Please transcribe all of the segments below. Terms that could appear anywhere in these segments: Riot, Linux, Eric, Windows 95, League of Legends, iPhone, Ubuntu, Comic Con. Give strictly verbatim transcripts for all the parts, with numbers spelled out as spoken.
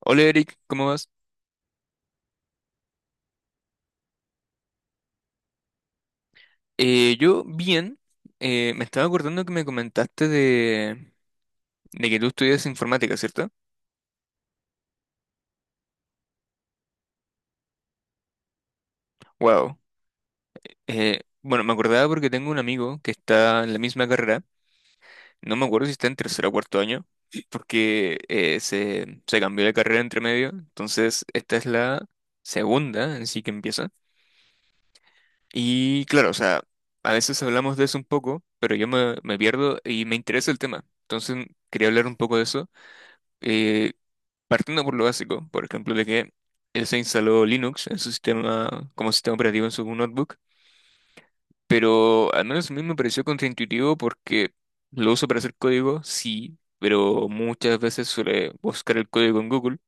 Hola Eric, ¿cómo vas? Eh, yo bien, eh, me estaba acordando que me comentaste de, de que tú estudias informática, ¿cierto? Wow. Eh, bueno, me acordaba porque tengo un amigo que está en la misma carrera, no me acuerdo si está en tercer o cuarto año, porque eh, se, se cambió de carrera entre medio, entonces esta es la segunda en sí que empieza. Y claro, o sea, a veces hablamos de eso un poco, pero yo me, me pierdo y me interesa el tema, entonces quería hablar un poco de eso. Eh, Partiendo por lo básico, por ejemplo, de que él se instaló Linux en su sistema, como sistema operativo en su notebook, pero al menos a mí me pareció contraintuitivo porque lo uso para hacer código, sí, pero muchas veces suele buscar el código en Google,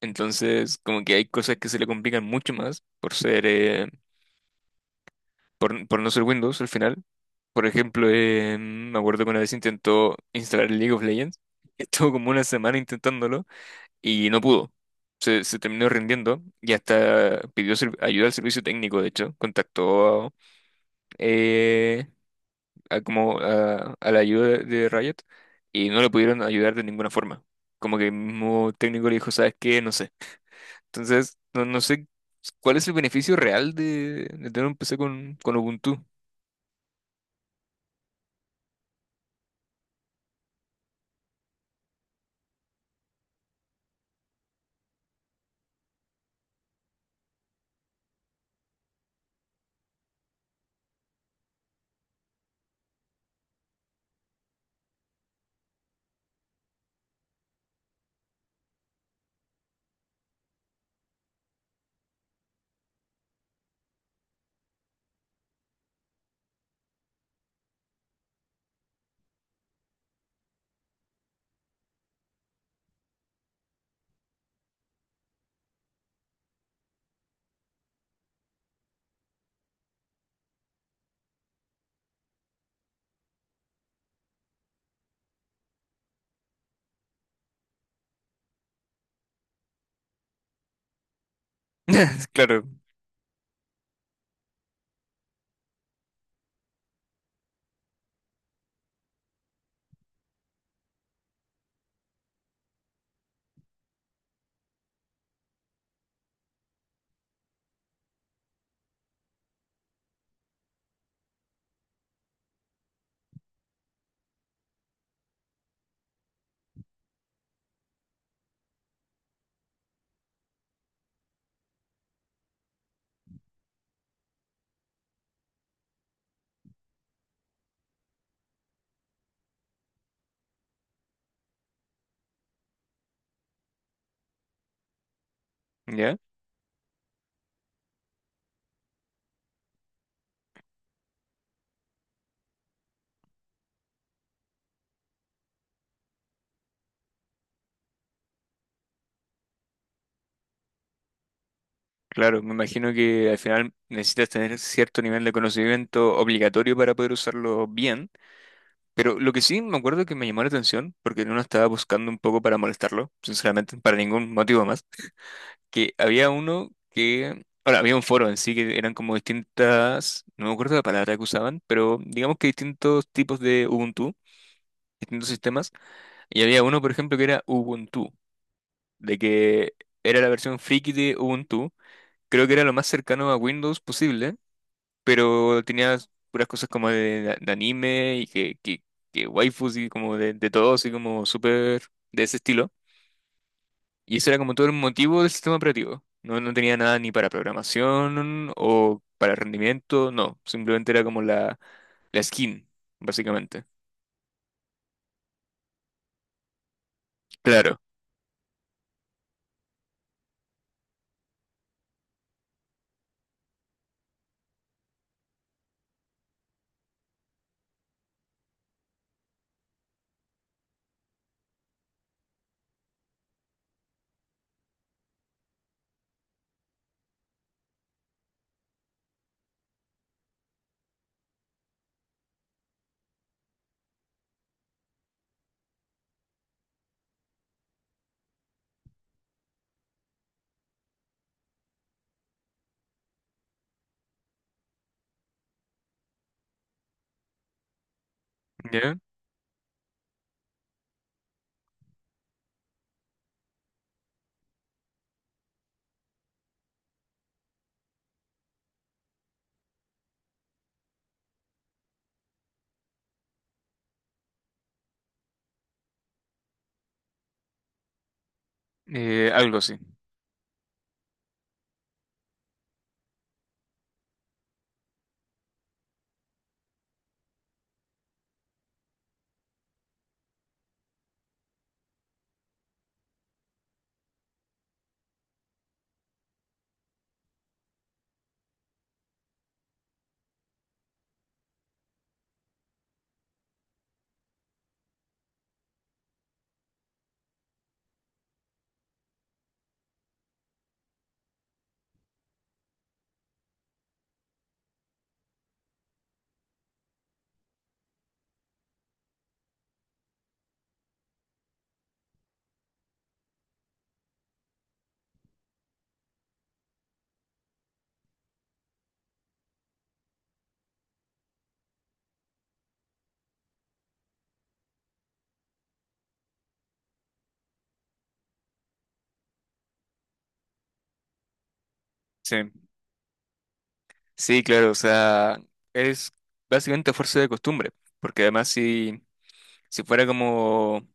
entonces como que hay cosas que se le complican mucho más por ser, eh, por, por no ser Windows al final. Por ejemplo, eh, me acuerdo que una vez intentó instalar League of Legends, estuvo como una semana intentándolo y no pudo. Se, se terminó rindiendo y hasta pidió ser- ayuda al servicio técnico, de hecho, contactó eh, a, como a, a la ayuda de, de Riot y no le pudieron ayudar de ninguna forma. Como que el mismo técnico le dijo, ¿sabes qué? No sé. Entonces, no, no sé cuál es el beneficio real de, de tener un P C con, con Ubuntu. Claro. ¿Ya? Claro, me imagino que al final necesitas tener cierto nivel de conocimiento obligatorio para poder usarlo bien. Pero lo que sí me acuerdo que me llamó la atención, porque uno estaba buscando un poco para molestarlo, sinceramente, para ningún motivo más, que había uno que, ahora, había un foro en sí que eran como distintas, no me acuerdo la palabra que usaban, pero digamos que distintos tipos de Ubuntu, distintos sistemas, y había uno, por ejemplo, que era Ubuntu, de que era la versión friki de Ubuntu, creo que era lo más cercano a Windows posible, pero tenía puras cosas como de, de anime y que, que, que waifus y como de, de todo, así como súper de ese estilo. Y eso era como todo el motivo del sistema operativo. No, no tenía nada ni para programación o para rendimiento, no. Simplemente era como la, la skin, básicamente. Claro. ¿Ya? Eh, algo así. Sí. Sí, claro, o sea, es básicamente a fuerza de costumbre, porque además si, si fuera como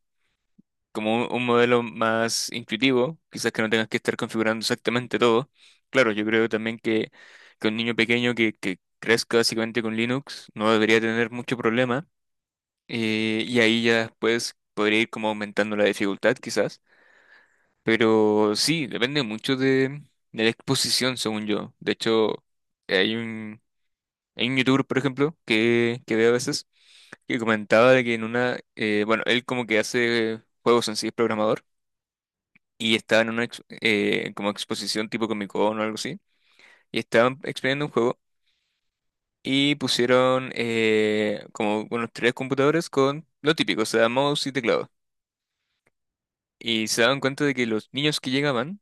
como un, un modelo más intuitivo, quizás que no tengas que estar configurando exactamente todo. Claro, yo creo también que, que un niño pequeño que, que crezca básicamente con Linux no debería tener mucho problema. eh, y ahí ya después podría ir como aumentando la dificultad quizás. Pero sí, depende mucho de, de la exposición, según yo. De hecho, hay un, hay un youtuber, por ejemplo, que, que veo a veces, que comentaba de que en una, eh, bueno, él como que hace juegos en sí, es programador y estaba en una ex- eh, como exposición tipo Comic Con o algo así, y estaban exponiendo un juego y pusieron eh, como unos tres computadores con lo típico, o sea, mouse y teclado. Y se daban cuenta de que los niños que llegaban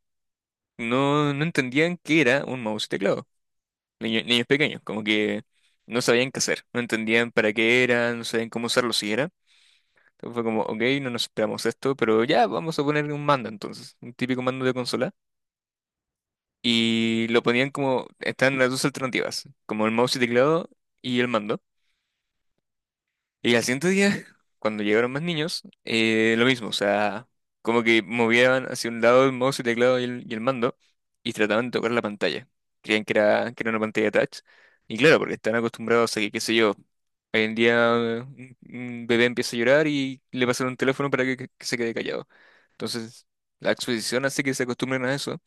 no, no entendían qué era un mouse y teclado. Niño- niños pequeños, como que no sabían qué hacer, no entendían para qué era, no sabían cómo usarlo siquiera. Entonces fue como, ok, no nos esperamos esto, pero ya vamos a poner un mando entonces, un típico mando de consola. Y lo ponían como, están las dos alternativas, como el mouse y teclado y el mando. Y al siguiente día, cuando llegaron más niños, eh, lo mismo, o sea, como que movían hacia un lado el mouse y teclado y el, y el mando y trataban de tocar la pantalla. Creían que era, que era una pantalla touch. Y claro, porque están acostumbrados a que, qué sé yo, hoy en día eh, un un bebé empieza a llorar y le pasan un teléfono para que, que se quede callado. Entonces, la exposición hace que se acostumbren a eso.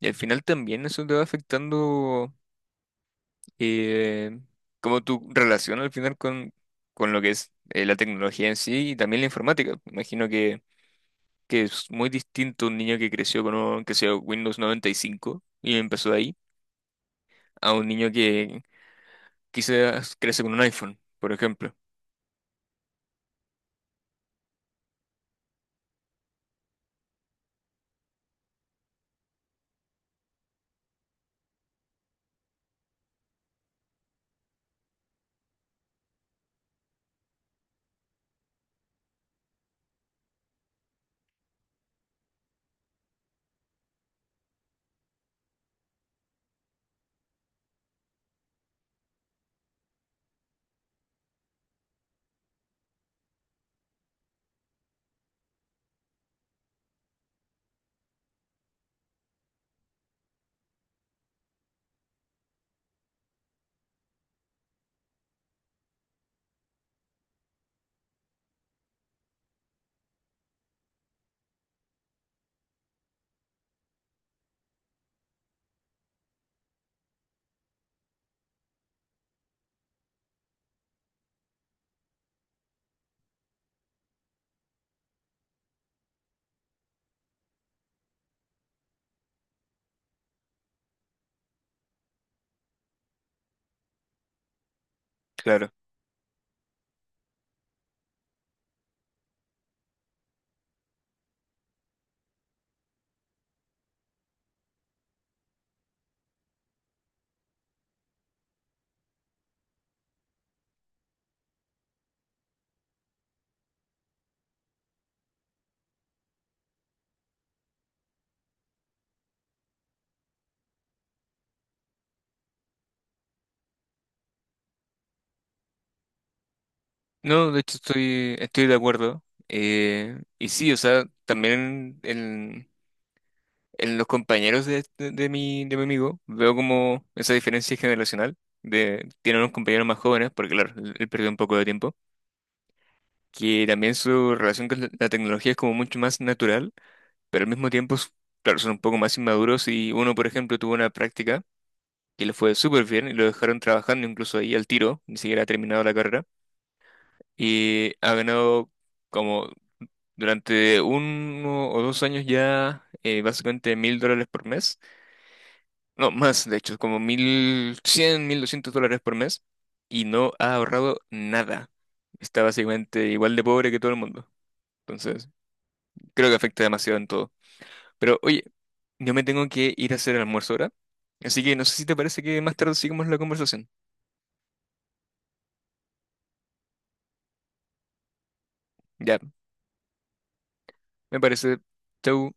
Y al final también eso te va afectando eh, como tu relación al final con, con lo que es eh, la tecnología en sí y también la informática. Imagino que, que es muy distinto un niño que creció con un, que sea Windows noventa y cinco y cinco y empezó de ahí a un niño que quizás crece con un iPhone, por ejemplo. Claro. No, de hecho estoy, estoy de acuerdo. Eh, y sí, o sea, también en los compañeros de, de- de mi, de mi amigo veo como esa diferencia generacional. De, tiene unos compañeros más jóvenes, porque claro, él él perdió un poco de tiempo, que también su relación con la la tecnología es como mucho más natural, pero al mismo tiempo, s- claro, son un poco más inmaduros y uno, por ejemplo, tuvo una práctica que le fue súper bien y lo dejaron trabajando incluso ahí al tiro, ni siquiera ha terminado la carrera, y ha ganado como durante uno o dos años ya eh, básicamente mil dólares por mes. No, más, de hecho, como mil cien mil doscientos dólares por mes y no ha ahorrado nada. Está básicamente igual de pobre que todo el mundo. Entonces, creo que afecta demasiado en todo. Pero oye, yo me tengo que ir a hacer el almuerzo ahora. Así que no sé si te parece que más tarde sigamos la conversación. Ya, me parece. Chau.